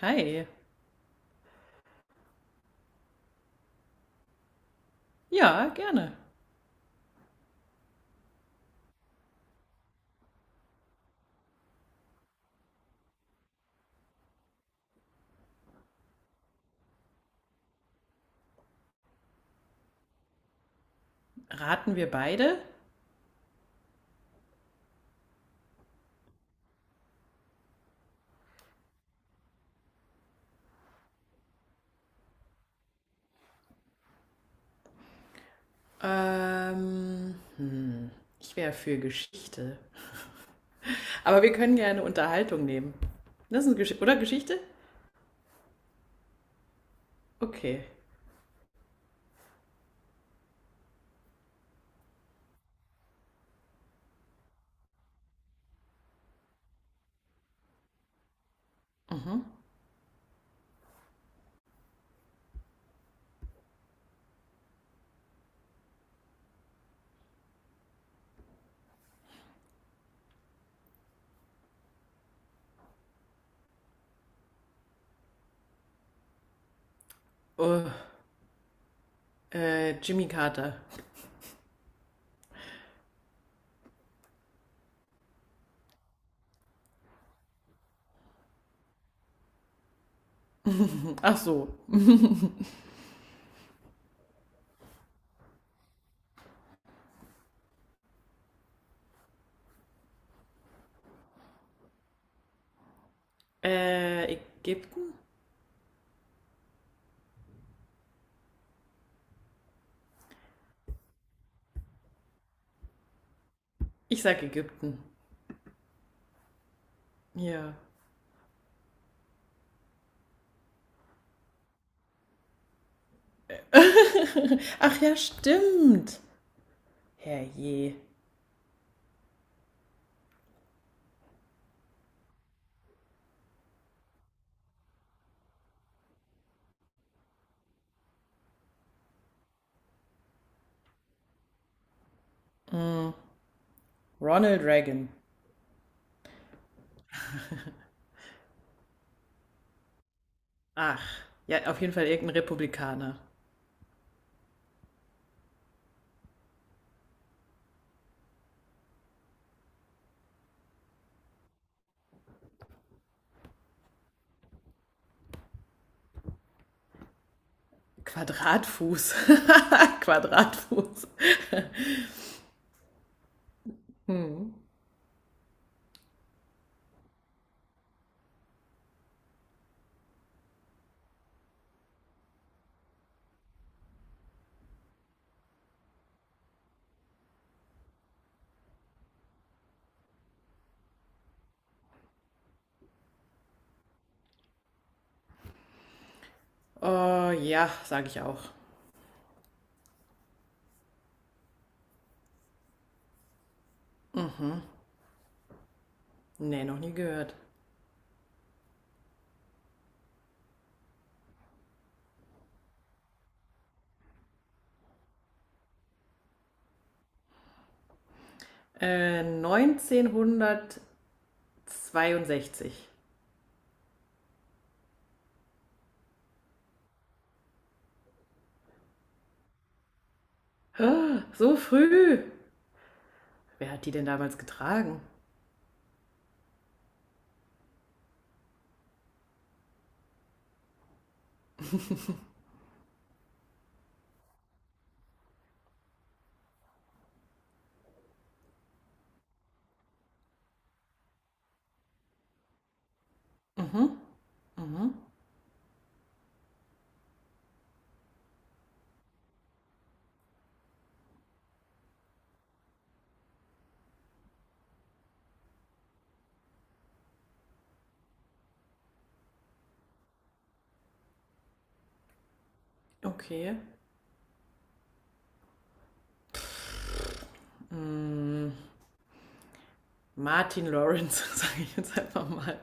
Hi. Ja, gerne. Raten wir beide? Ähm, hm, Ich wäre für Geschichte. Aber wir können gerne Unterhaltung nehmen. Das ist eine Geschichte, oder Geschichte? Okay. Mhm. Oh, Jimmy Carter. Ach so. Ägypten? Ich sag Ägypten. Ja. Ach ja, stimmt. Herrje. Ronald Reagan. Ach, ja, auf jeden Fall irgendein Republikaner. Quadratfuß. Quadratfuß. Hm. Oh ja, sage ich auch. Nee, noch nie gehört. 1962. Ah, so früh. Wer hat die denn damals getragen? Mhm. Mhm. Okay. Martin Lawrence, sage ich jetzt einfach mal.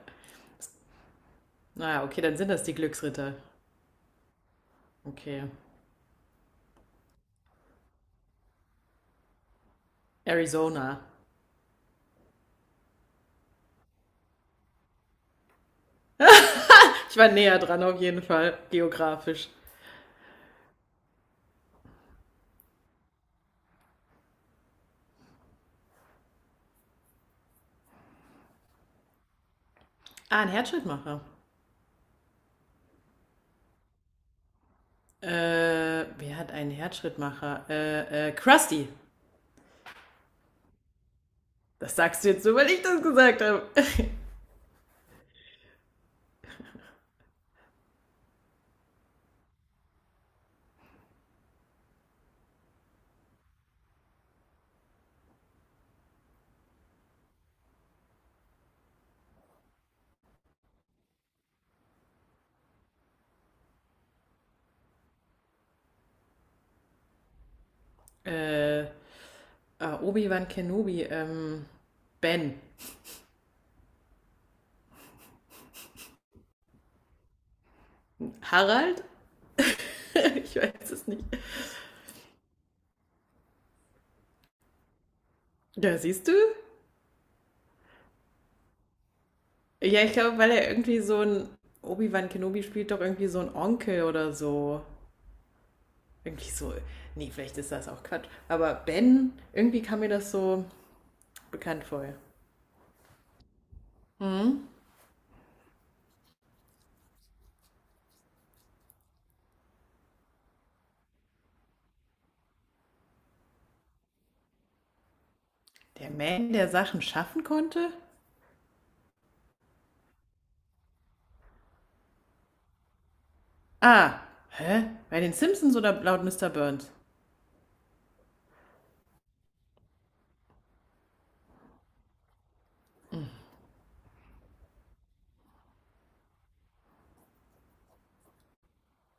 Naja, okay, dann sind das die Glücksritter. Okay. Arizona. Ich war näher dran auf jeden Fall, geografisch. Ah, ein Herzschrittmacher. Wer hat einen Herzschrittmacher? Krusty. Das sagst du jetzt so, weil ich das gesagt habe. äh, Obi-Wan Kenobi, Ben. Harald? Ich weiß es nicht. Ja, siehst du? Ja, ich glaube, weil er irgendwie so ein. Obi-Wan Kenobi spielt doch irgendwie so ein Onkel oder so. Irgendwie so. Nee, vielleicht ist das auch Quatsch. Aber Ben, irgendwie kam mir das so bekannt vor. Der Man, der Sachen schaffen konnte? Ah, hä? Bei den Simpsons oder laut Mr. Burns?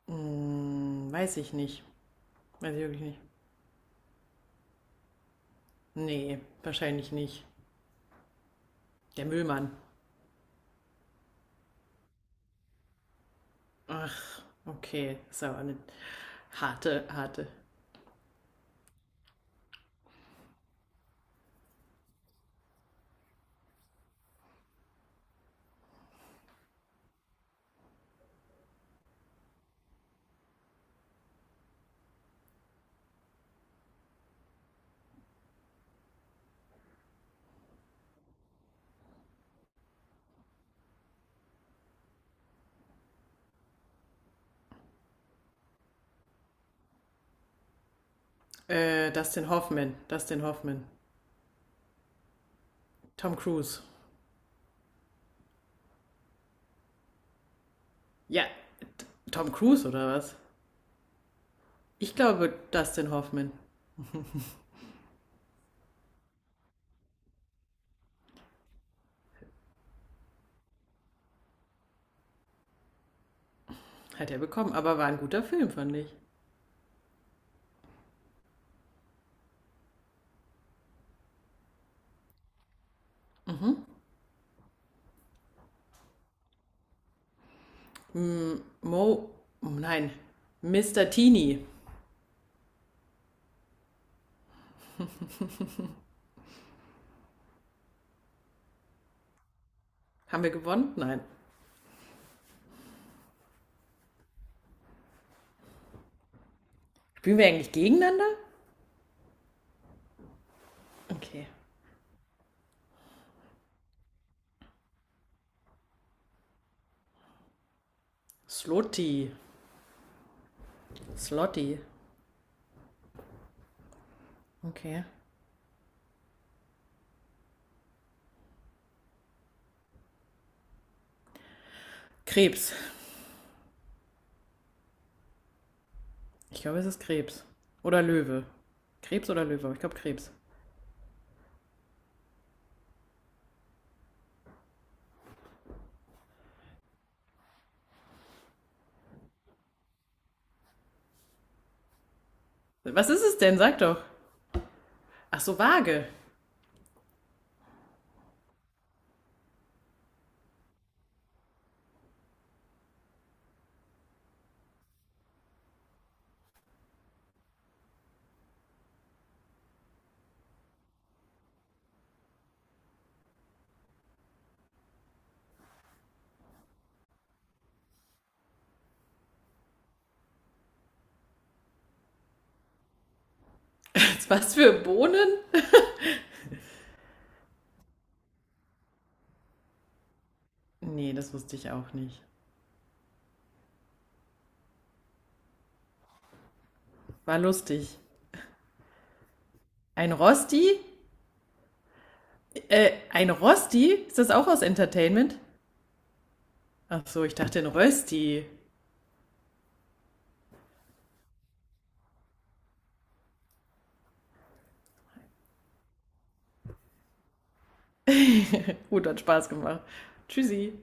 Hm, weiß ich nicht. Weiß ich wirklich nicht. Nee, wahrscheinlich nicht. Der Müllmann. Ach, okay. Ist aber eine harte, harte. Dustin Hoffman. Dustin Hoffman. Tom Cruise. Ja, T- Tom Cruise oder was? Ich glaube, Dustin Hoffman hat er bekommen, aber war ein guter Film, fand ich. Mo, oh nein, Mr. Teeny. Haben wir gewonnen? Nein. Spielen wir eigentlich gegeneinander? Okay. Slotti. Slotti. Okay. Krebs. Ich glaube, es ist Krebs. Oder Löwe. Krebs oder Löwe, aber ich glaube Krebs. Was ist es denn? Sag doch. Ach so, Waage. Was für Bohnen? Nee, das wusste ich auch nicht. War lustig. Ein Rosti? Ein Rosti? Ist das auch aus Entertainment? Ach so, ich dachte ein Rösti. Gut, hat Spaß gemacht. Tschüssi.